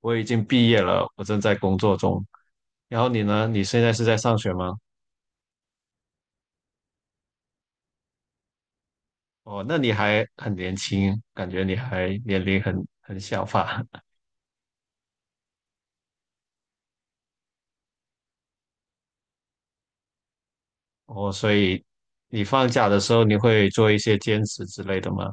我已经毕业了，我正在工作中。然后你呢？你现在是在上学吗？哦，那你还很年轻，感觉你还年龄很小吧？哦，所以你放假的时候你会做一些兼职之类的吗？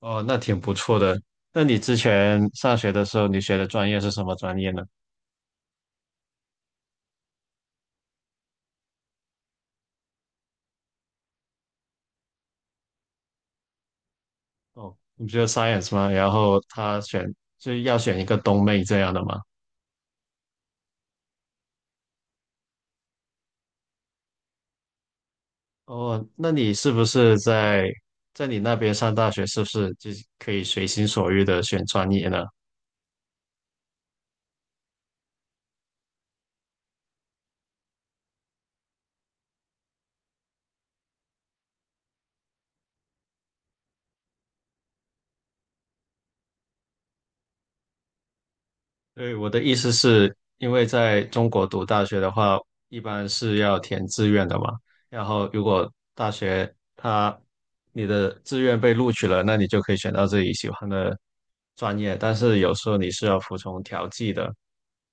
哦，那挺不错的。那你之前上学的时候，你学的专业是什么专业呢？哦，你不就 science 吗？然后他选就要选一个东妹这样的吗？哦，那你是不是在在你那边上大学，是不是就可以随心所欲的选专业呢？对，我的意思是，因为在中国读大学的话，一般是要填志愿的嘛。然后如果大学它你的志愿被录取了，那你就可以选到自己喜欢的专业。但是有时候你是要服从调剂的，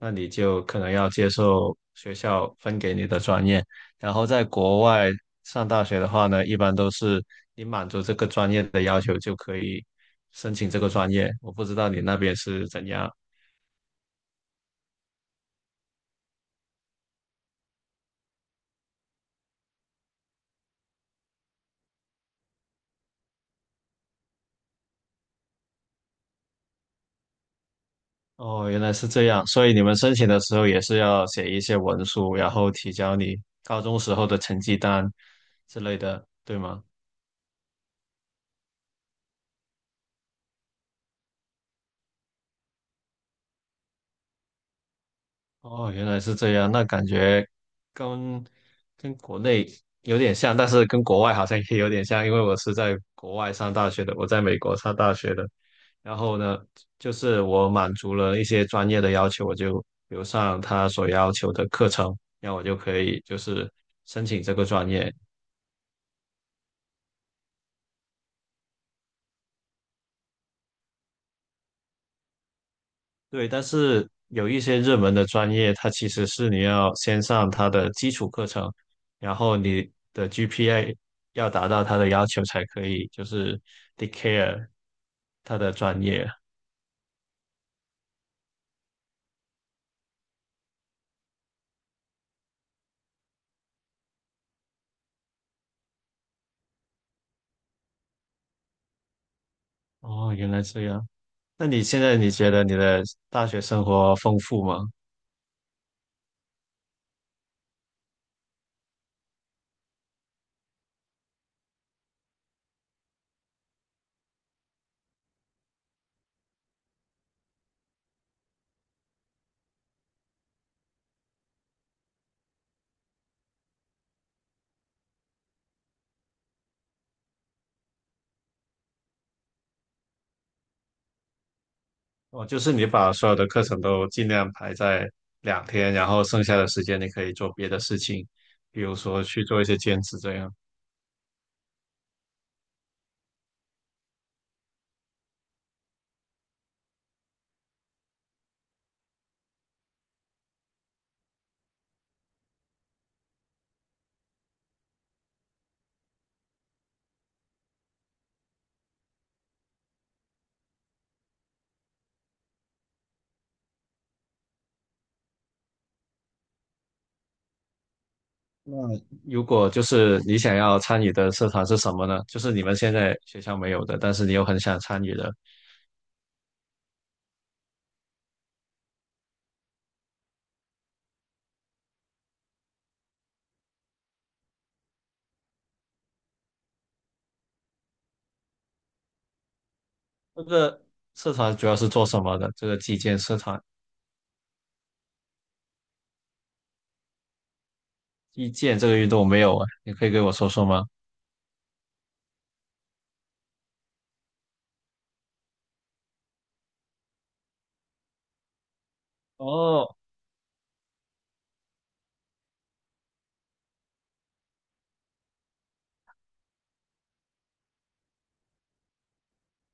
那你就可能要接受学校分给你的专业。然后在国外上大学的话呢，一般都是你满足这个专业的要求就可以申请这个专业。我不知道你那边是怎样。哦，原来是这样，所以你们申请的时候也是要写一些文书，然后提交你高中时候的成绩单之类的，对吗？哦，原来是这样，那感觉跟跟国内有点像，但是跟国外好像也有点像，因为我是在国外上大学的，我在美国上大学的。然后呢，就是我满足了一些专业的要求，我就留上他所要求的课程，那我就可以就是申请这个专业。对，但是有一些热门的专业，它其实是你要先上它的基础课程，然后你的 GPA 要达到它的要求才可以，就是 declare 它的专业。哦，原来这样。那你现在你觉得你的大学生活丰富吗？哦，就是你把所有的课程都尽量排在两天，然后剩下的时间你可以做别的事情，比如说去做一些兼职这样。那如果就是你想要参与的社团是什么呢？就是你们现在学校没有的，但是你又很想参与的，这个社团主要是做什么的？这个击剑社团，击剑这个运动没有啊，你可以给我说说吗？哦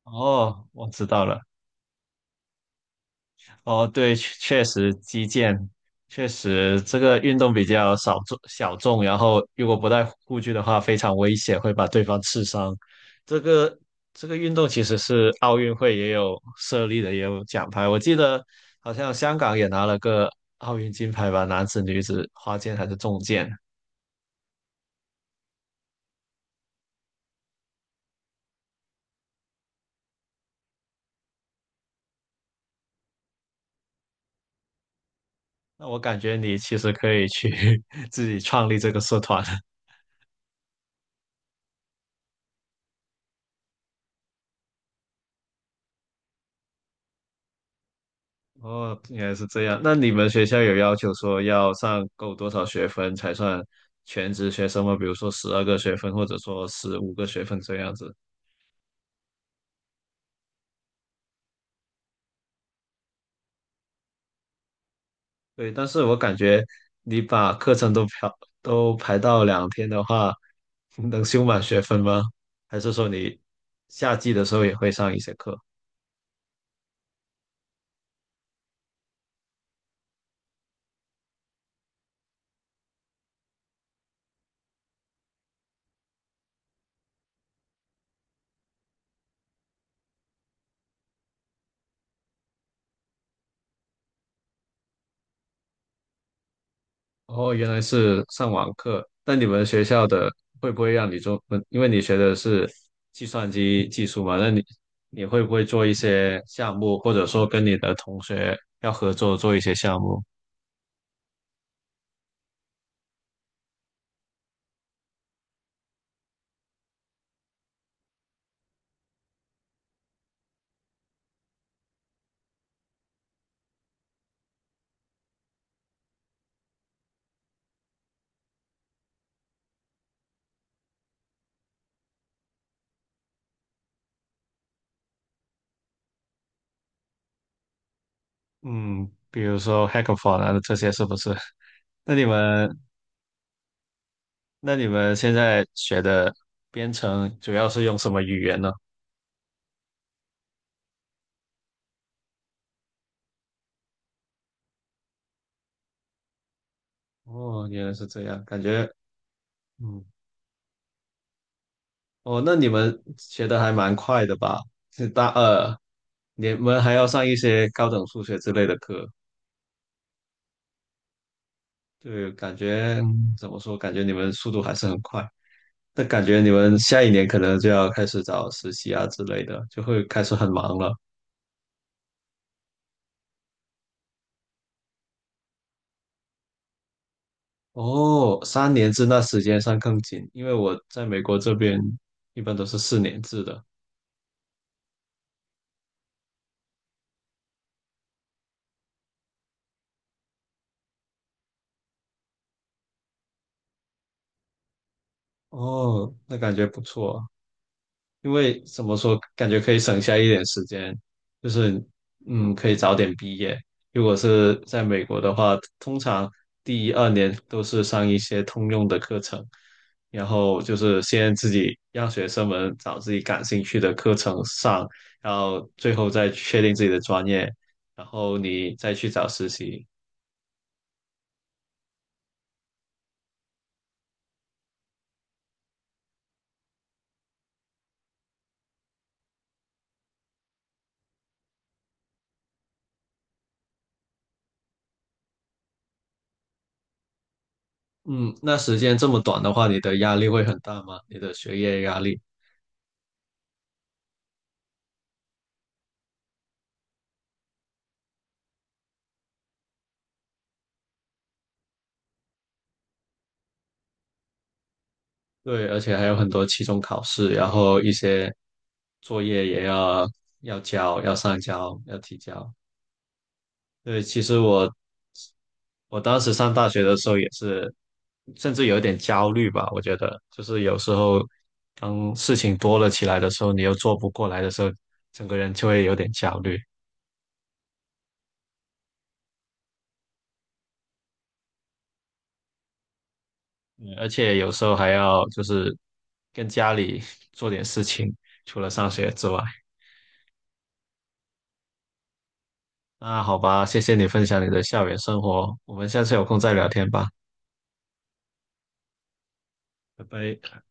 哦，我知道了。哦，对，确实击剑，确实这个运动比较少众小众，然后如果不带护具的话，非常危险，会把对方刺伤。这个这个运动其实是奥运会也有设立的，也有奖牌。我记得好像香港也拿了个奥运金牌吧，男子、女子花剑还是重剑。那我感觉你其实可以去 自己创立这个社团。哦，原来是这样。那你们学校有要求说要上够多少学分才算全职学生吗？比如说12个学分，或者说15个学分这样子？对，但是我感觉你把课程都排到两天的话，能修满学分吗？还是说你夏季的时候也会上一些课？哦，原来是上网课。那你们学校的会不会让你做？嗯因为你学的是计算机技术嘛，那你会不会做一些项目，或者说跟你的同学要合作做一些项目？嗯，比如说 hackathon 啊，这些是不是？那你们那你们现在学的编程主要是用什么语言呢？哦，原来是这样，感觉嗯哦，那你们学的还蛮快的吧？是大二，你们还要上一些高等数学之类的课，对，感觉怎么说？感觉你们速度还是很快。那感觉你们下一年可能就要开始找实习啊之类的，就会开始很忙了。哦，3年制那时间上更紧，因为我在美国这边一般都是4年制的。哦，那感觉不错。因为怎么说，感觉可以省下一点时间，就是可以早点毕业。如果是在美国的话，通常第一二年都是上一些通用的课程，然后就是先自己让学生们找自己感兴趣的课程上，然后最后再确定自己的专业，然后你再去找实习。嗯，那时间这么短的话，你的压力会很大吗？你的学业压力？对，而且还有很多期中考试，然后一些作业也要要交，要上交，要提交。对，其实我当时上大学的时候也是，甚至有一点焦虑吧。我觉得就是有时候当事情多了起来的时候，你又做不过来的时候，整个人就会有点焦虑。嗯，而且有时候还要就是跟家里做点事情，除了上学之外。那好吧，谢谢你分享你的校园生活，我们下次有空再聊天吧，拜拜。